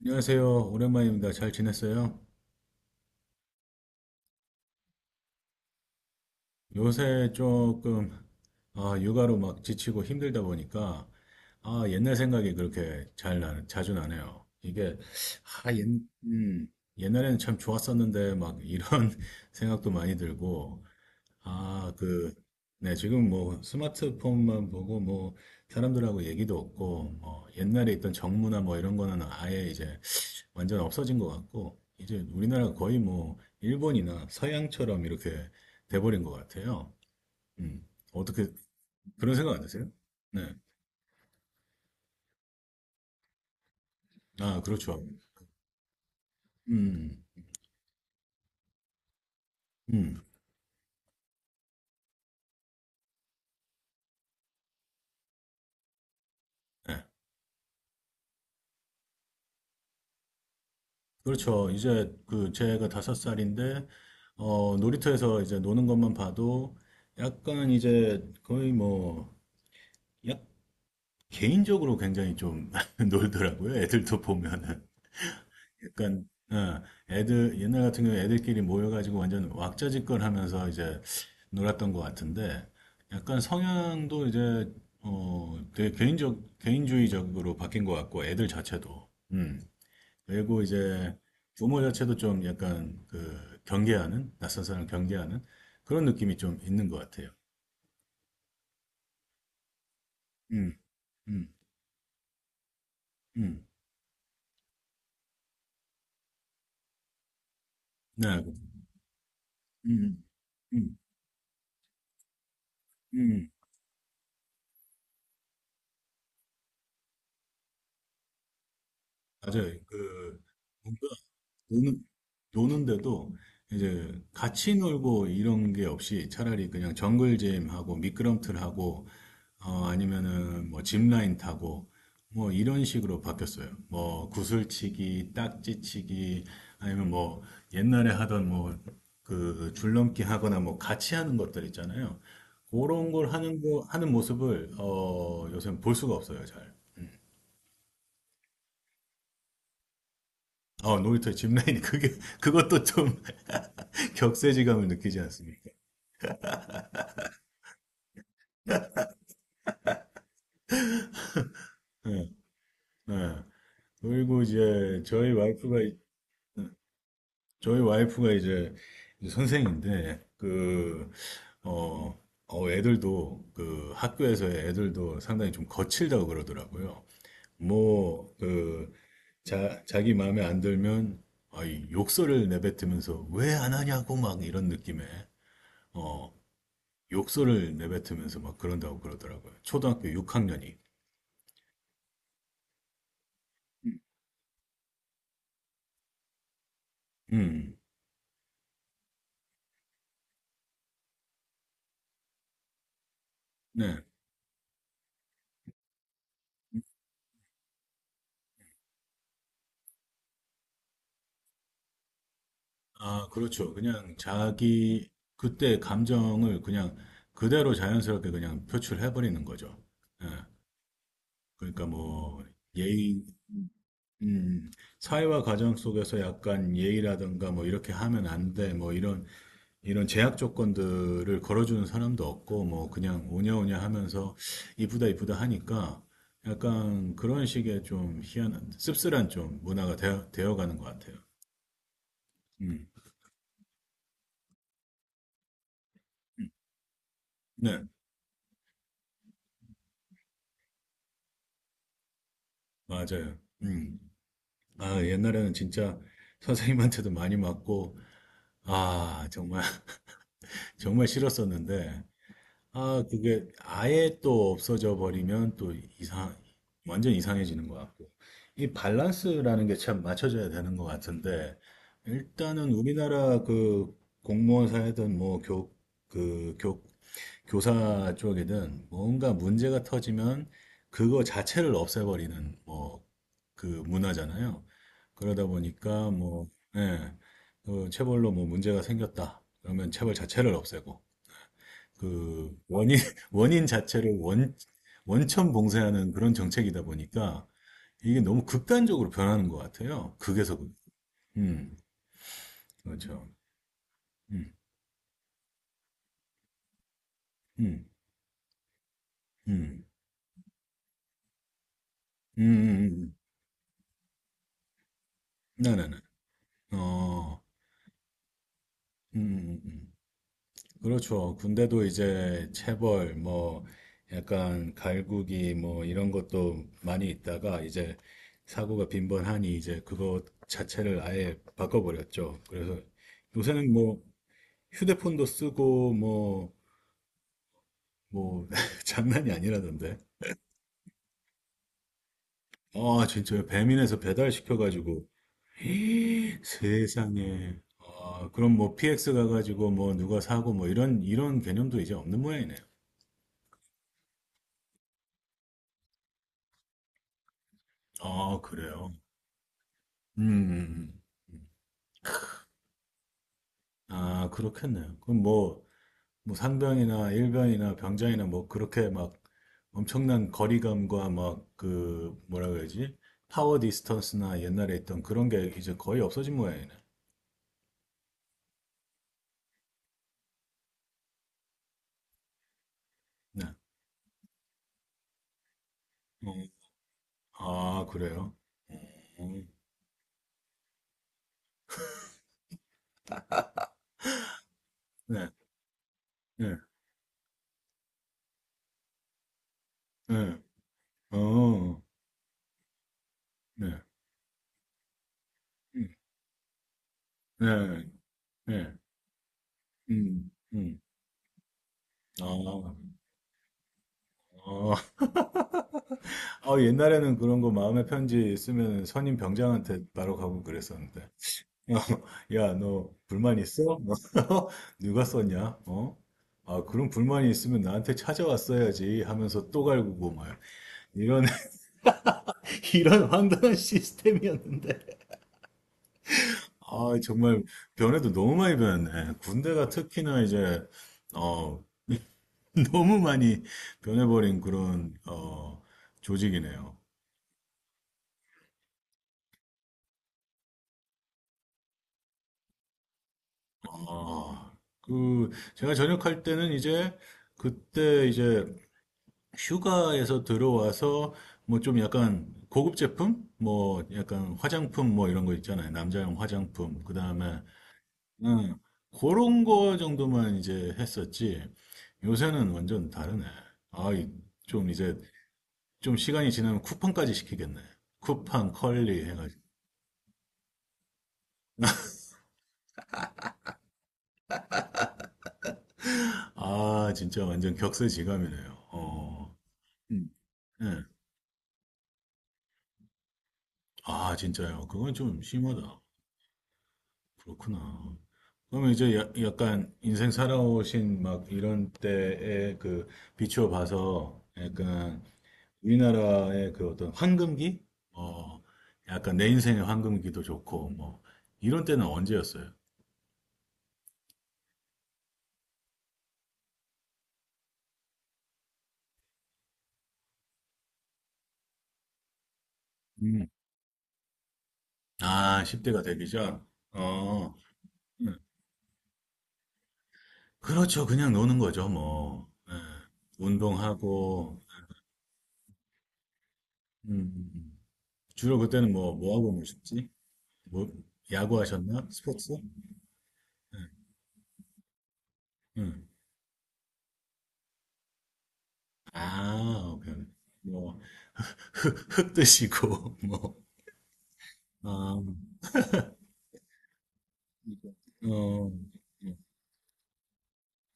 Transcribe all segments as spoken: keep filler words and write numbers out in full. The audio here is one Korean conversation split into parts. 안녕하세요. 오랜만입니다. 잘 지냈어요? 요새 조금 아, 육아로 막 지치고 힘들다 보니까 아, 옛날 생각이 그렇게 잘 나, 자주 나네요. 이게 아, 옛, 음, 옛날에는 참 좋았었는데 막 이런 생각도 많이 들고 아, 그, 네, 지금 뭐 스마트폰만 보고 뭐 사람들하고 얘기도 없고 뭐 옛날에 있던 정문화 뭐 이런 거는 아예 이제 완전 없어진 것 같고, 이제 우리나라가 거의 뭐, 일본이나 서양처럼 이렇게 돼버린 것 같아요. 음. 어떻게, 그런 생각 안 드세요? 네. 아, 그렇죠. 음, 음. 네. 그렇죠. 이제 그, 제가 다섯 살인데, 어, 놀이터에서 이제 노는 것만 봐도, 약간 이제 거의 뭐, 약, 개인적으로 굉장히 좀 놀더라고요. 애들도 보면은. 약간 어, 애들 옛날 같은 경우 애들끼리 모여가지고 완전 왁자지껄 하면서 이제 놀았던 것 같은데 약간 성향도 이제 어 되게 개인적 개인주의적으로 바뀐 것 같고 애들 자체도 음 그리고 이제 부모 자체도 좀 약간 그 경계하는 낯선 사람 경계하는 그런 느낌이 좀 있는 것 같아요. 음, 음, 음, 네, 그, 음, 음, 음, 맞아요. 그 노는, 노는데도 이제 같이 놀고 이런 게 없이 차라리 그냥 정글잼하고 미끄럼틀하고 어, 아니면은 뭐 짚라인 타고 뭐 이런 식으로 바뀌었어요. 뭐 구슬치기, 딱지치기 아니면 뭐 옛날에 하던 뭐 그 줄넘기 하거나 뭐 같이 하는 것들 있잖아요. 그런 걸 하는 거 하는 모습을 어, 요새 볼 수가 없어요, 잘. 어, 놀이터에 짚라인이 그게 그것도 좀 격세지감을 느끼지 않습니까? 예, 예. 그리고 이제 저희 와이프가 이- 저희 와이프가 이제, 이제 선생인데 그 어, 어, 애들도 그 학교에서의 애들도 상당히 좀 거칠다고 그러더라고요. 뭐 그 자, 자기 마음에 안 들면 아이 욕설을 내뱉으면서 왜 안 하냐고 막 이런 느낌에 어 욕설을 내뱉으면서 막 그런다고 그러더라고요. 초등학교 육 학년이. 음, 네. 아, 그렇죠. 그냥 자기 그때 감정을 그냥 그대로 자연스럽게 그냥 표출해버리는 거죠. 예. 그러니까 뭐 예의, 음, 사회와 가정 속에서 약간 예의라든가 뭐 이렇게 하면 안 돼, 뭐 이런 이런 제약 조건들을 걸어주는 사람도 없고, 뭐, 그냥 오냐오냐 하면서 이쁘다 이쁘다 하니까 약간 그런 식의 좀 희한한, 씁쓸한 좀 문화가 되어, 되어가는 것 같아요. 음. 네, 맞아요. 음. 아, 옛날에는 진짜 선생님한테도 많이 맞고, 아, 정말, 정말 싫었었는데, 아, 그게 아예 또 없어져 버리면 또 이상, 완전 이상해지는 것 같고. 이 밸런스라는 게 참 맞춰져야 되는 것 같은데, 일단은 우리나라 그 공무원사이든 뭐 교, 그 교, 교사 쪽이든 뭔가 문제가 터지면 그거 자체를 없애버리는 뭐 그 문화잖아요. 그러다 보니까 뭐, 예, 그 체벌로 뭐 문제가 생겼다. 그러면 체벌 자체를 없애고, 그 원인 원인 자체를 원 원천 봉쇄하는 그런 정책이다 보니까 이게 너무 극단적으로 변하는 것 같아요. 극에서 극. 음, 그렇죠. 음, 음, 음, 음, 음, 나나나. 어, 음, 음, 음. 음. 그렇죠. 군대도 이제 체벌 뭐 약간 갈구기 뭐 이런 것도 많이 있다가 이제 사고가 빈번하니 이제 그것 자체를 아예 바꿔버렸죠. 그래서 요새는 뭐 휴대폰도 쓰고 뭐 뭐 장난이 아니라던데. 아 진짜 배민에서 배달 시켜가지고 세상에. 아 그럼 뭐 피엑스 가가지고 뭐 누가 사고 뭐 이런 이런 개념도 이제 없는 모양이네요. 아 그래요. 음. 음, 음. 아 그렇겠네요. 그럼 뭐 뭐 상병이나 일병이나 병장이나 뭐 그렇게 막 엄청난 거리감과 막 그 뭐라 그러지? 파워 디스턴스나 옛날에 있던 그런 게 이제 거의 없어진 모양이네. 네. 어, 아, 그래요? 어, 네, 네, 네, 어, 네, 음, 네, 네, 음, 음. 아, 어. 아, 옛날에는 그런 거 마음의 편지 쓰면 선임 병장한테 바로 가고 그랬었는데. 야, 너 불만 있어? 누가 썼냐? 어? 아, 그런 불만이 있으면 나한테 찾아왔어야지 하면서 또 갈구고 막 이런 이런 황당한 시스템이었는데. 아, 정말 변해도 너무 많이 변했네. 군대가 특히나 이제 어 너무 많이 변해버린 그런 어 조직이네요. 아, 그 제가 전역할 때는 이제 그때 이제 휴가에서 들어와서 뭐 좀 약간 고급 제품, 뭐 약간 화장품 뭐 이런 거 있잖아요. 남자용 화장품. 그다음에 음, 그런 거 정도만 이제 했었지. 요새는 완전 다르네. 아, 이- 좀 이제 좀 시간이 지나면 쿠팡까지 시키겠네. 쿠팡, 컬리 해가지고. 아, 진짜 완전 격세지감이네요. 어, 음. 예. 아, 진짜요. 그건 좀 심하다. 그렇구나. 그러면 이제 야- 약간 인생 살아오신 막 이런 때에 그 비추어 봐서 약간 우리나라의 그 어떤 황금기? 어, 약간 내 인생의 황금기도 좋고 뭐 이런 때는 언제였어요? 음. 아, 십 대가 되기 전? 어, 네. 그렇죠. 그냥 노는 거죠, 뭐. 예, 운동하고, 음, 음, 음. 주로 그때는 뭐, 뭐 하고 노셨지? 뭐, 야구 하셨나? 스포츠? 예, 음. 아, 오케이. 뭐, 흙, 흙 드시고, 뭐, 아, 어, 예.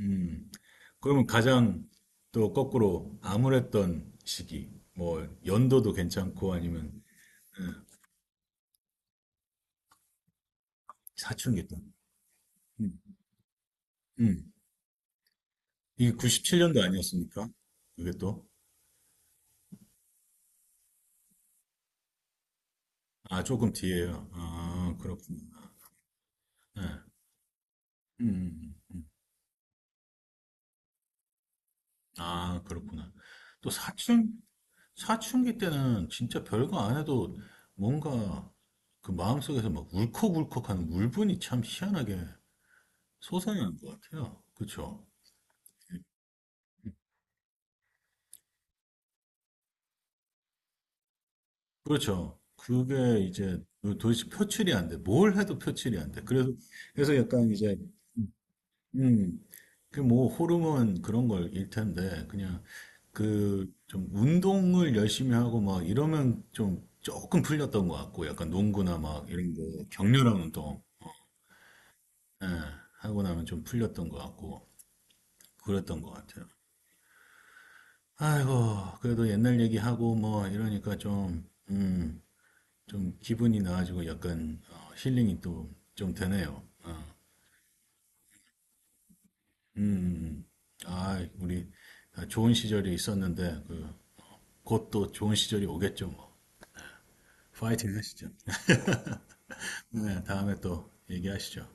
음. 그러면 가장 또 거꾸로 암울했던 시기, 뭐, 연도도 괜찮고, 아니면, 예, 사춘기 때. 음. 음. 이게 구십칠 년도 아니었습니까? 이게 또? 아, 조금 뒤에요. 아, 그렇구나. 네. 음, 음, 음. 아, 그렇구나. 또 사춘, 사춘기 때는 진짜 별거 안 해도 뭔가 그 마음속에서 막 울컥울컥하는 울분이 참 희한하게 솟아나는 것 같아요. 그렇죠? 그렇죠. 그게 이제 도대체 표출이 안 돼. 뭘 해도 표출이 안 돼. 그래서, 그래서 약간 이제, 음, 음. 그 뭐 호르몬 그런 걸일 텐데 그냥 그 좀 운동을 열심히 하고 막 이러면 좀 조금 풀렸던 것 같고 약간 농구나 막 이런 거 격렬한 운동 예, 하고 나면 좀 풀렸던 것 같고 그랬던 것 같아요. 아이고 그래도 옛날 얘기하고 뭐 이러니까 좀 음, 좀 기분이 나아지고 약간 어, 힐링이 또 좀 되네요. 어, 음, 음. 아, 우리 다 좋은 시절이 있었는데 그 곧 또 좋은 시절이 오겠죠 뭐. 파이팅 하시죠. 네, 다음에 또 얘기하시죠.